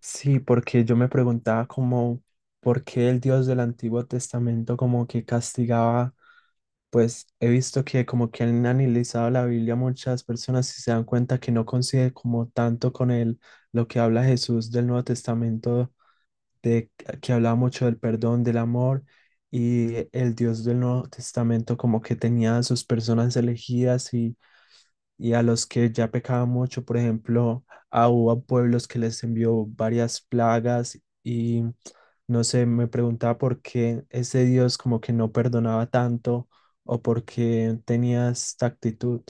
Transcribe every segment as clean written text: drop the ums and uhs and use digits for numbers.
Sí, porque yo me preguntaba como por qué el Dios del Antiguo Testamento como que castigaba, pues he visto que como que han analizado la Biblia muchas personas y se dan cuenta que no coincide como tanto con el, lo que habla Jesús del Nuevo Testamento, de que hablaba mucho del perdón, del amor, y el Dios del Nuevo Testamento como que tenía a sus personas elegidas y a los que ya pecaban mucho, por ejemplo, a, hubo a pueblos que les envió varias plagas y no sé, me preguntaba por qué ese Dios como que no perdonaba tanto o por qué tenía esta actitud.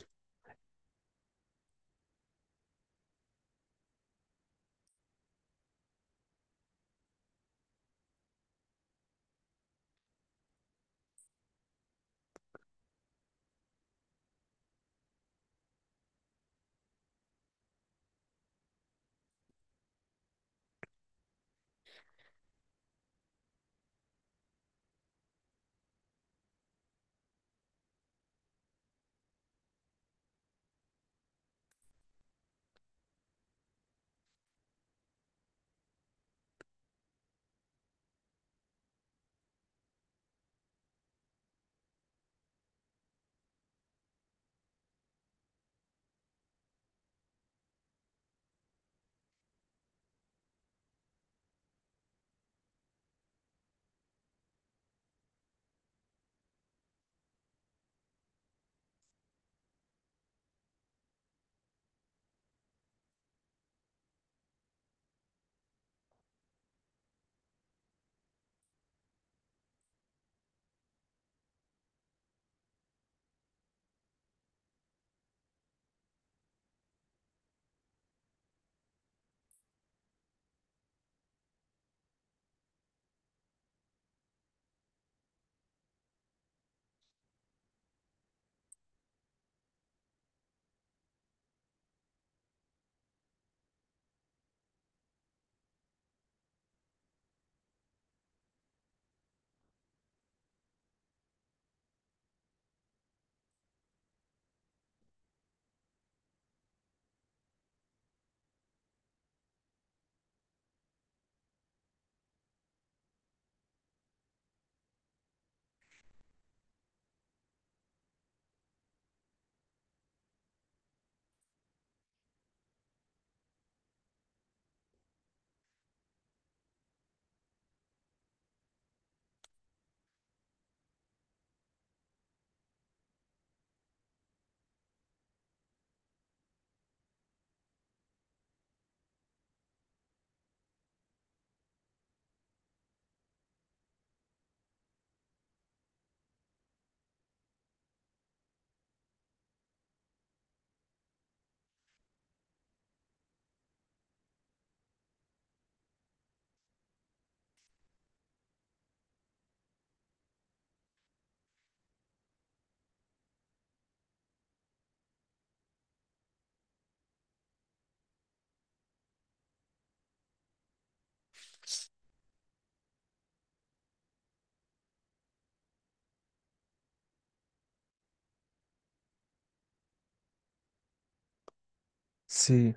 Sí,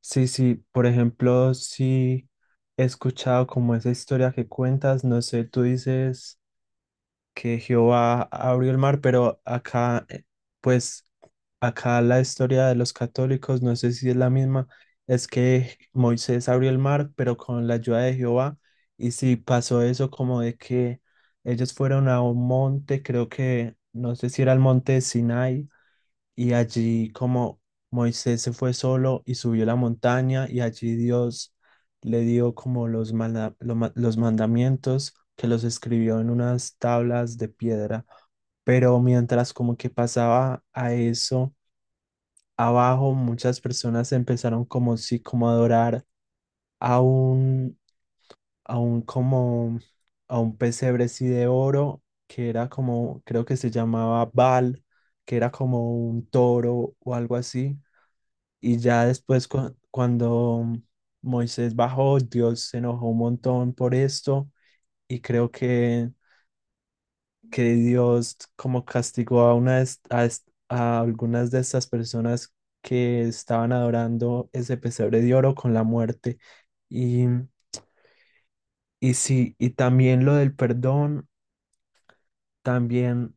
sí, sí, por ejemplo, sí he escuchado como esa historia que cuentas, no sé, tú dices... que Jehová abrió el mar, pero acá, pues, acá la historia de los católicos, no sé si es la misma, es que Moisés abrió el mar, pero con la ayuda de Jehová, y si pasó eso como de que ellos fueron a un monte, creo que, no sé si era el monte de Sinai, y allí como Moisés se fue solo y subió la montaña y allí Dios le dio como los, los mandamientos que los escribió en unas tablas de piedra. Pero mientras como que pasaba a eso, abajo muchas personas empezaron como si como a adorar a un, a un como a un pesebre sí de oro que era como, creo que se llamaba Baal, que era como un toro o algo así y ya después cuando Moisés bajó, Dios se enojó un montón por esto y creo que Dios como castigó a algunas de estas personas que estaban adorando ese pesebre de oro con la muerte. Y, y sí, y también lo del perdón, también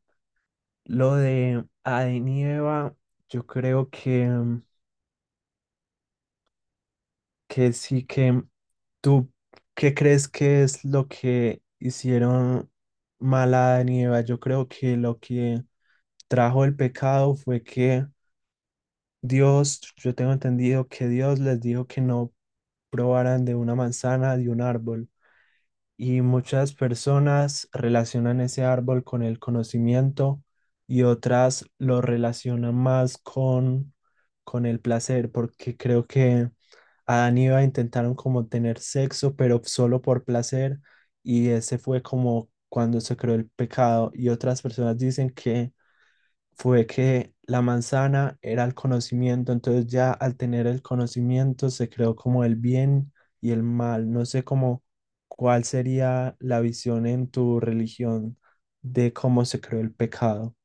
lo de Adán y Eva, yo creo que sí que tú, ¿qué crees que es lo que hicieron mal a Adán y Eva? Yo creo que lo que trajo el pecado fue que Dios, yo tengo entendido que Dios les dijo que no probaran de una manzana, de un árbol. Y muchas personas relacionan ese árbol con el conocimiento y otras lo relacionan más con el placer, porque creo que a Aniva intentaron como tener sexo, pero solo por placer, y ese fue como cuando se creó el pecado. Y otras personas dicen que fue que la manzana era el conocimiento, entonces ya al tener el conocimiento se creó como el bien y el mal. No sé cómo cuál sería la visión en tu religión de cómo se creó el pecado.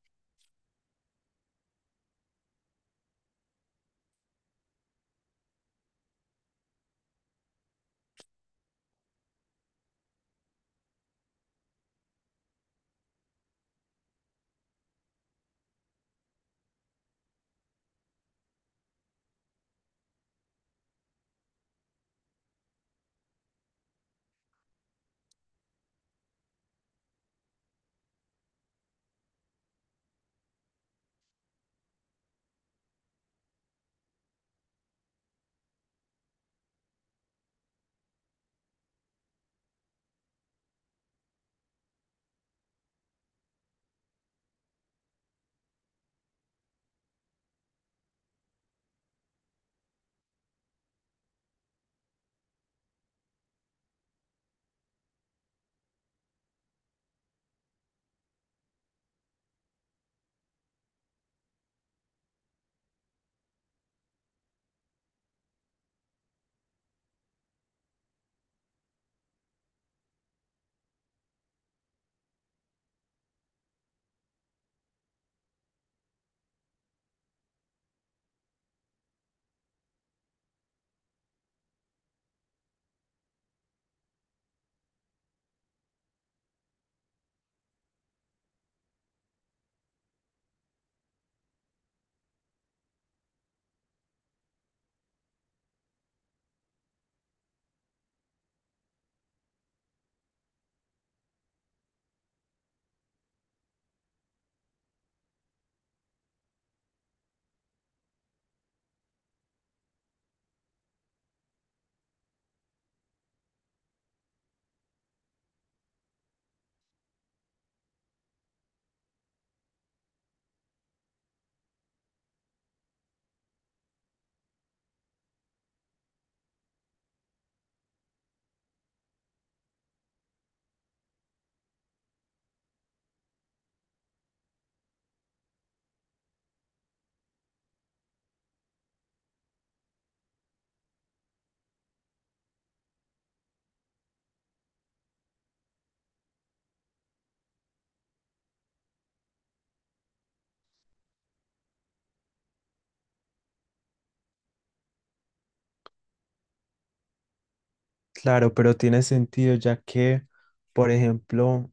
Claro, pero tiene sentido ya que, por ejemplo,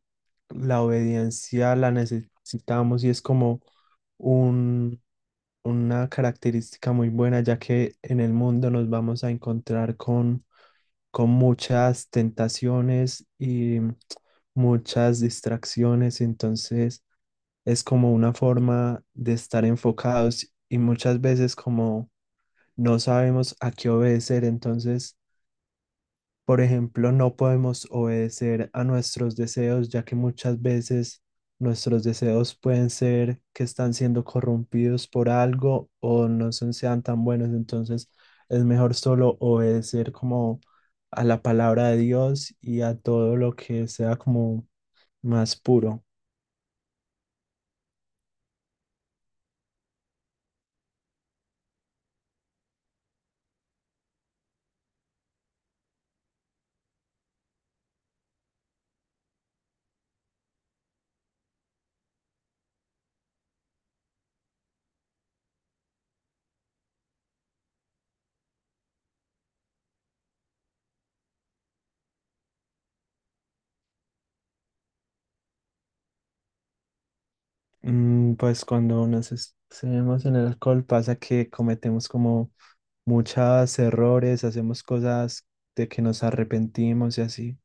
la obediencia la necesitamos y es como un, una característica muy buena, ya que en el mundo nos vamos a encontrar con muchas tentaciones y muchas distracciones, entonces es como una forma de estar enfocados y muchas veces como no sabemos a qué obedecer, entonces por ejemplo, no podemos obedecer a nuestros deseos, ya que muchas veces nuestros deseos pueden ser que están siendo corrompidos por algo o no son, sean tan buenos. Entonces, es mejor solo obedecer como a la palabra de Dios y a todo lo que sea como más puro. Mm, pues cuando nos excedemos en el alcohol pasa que cometemos como muchos errores, hacemos cosas de que nos arrepentimos y así.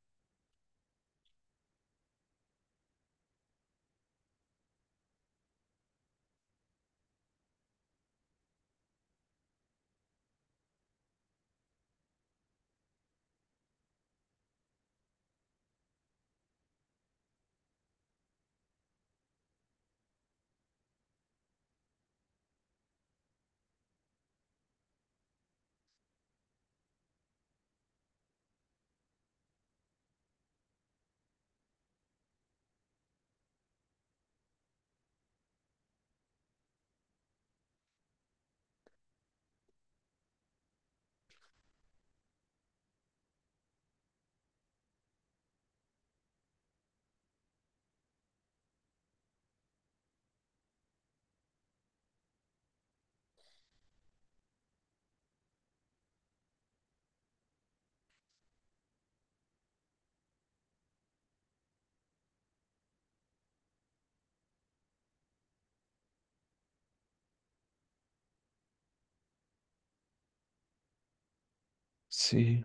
Sí.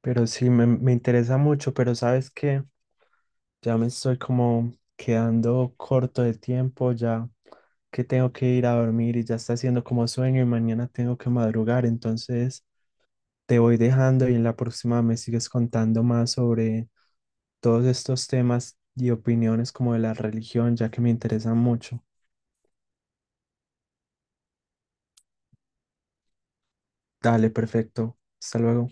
Pero sí, me interesa mucho, pero sabes que ya me estoy como quedando corto de tiempo, ya que tengo que ir a dormir y ya está haciendo como sueño y mañana tengo que madrugar, entonces te voy dejando y en la próxima me sigues contando más sobre todos estos temas y opiniones como de la religión, ya que me interesan mucho. Dale, perfecto. Hasta luego.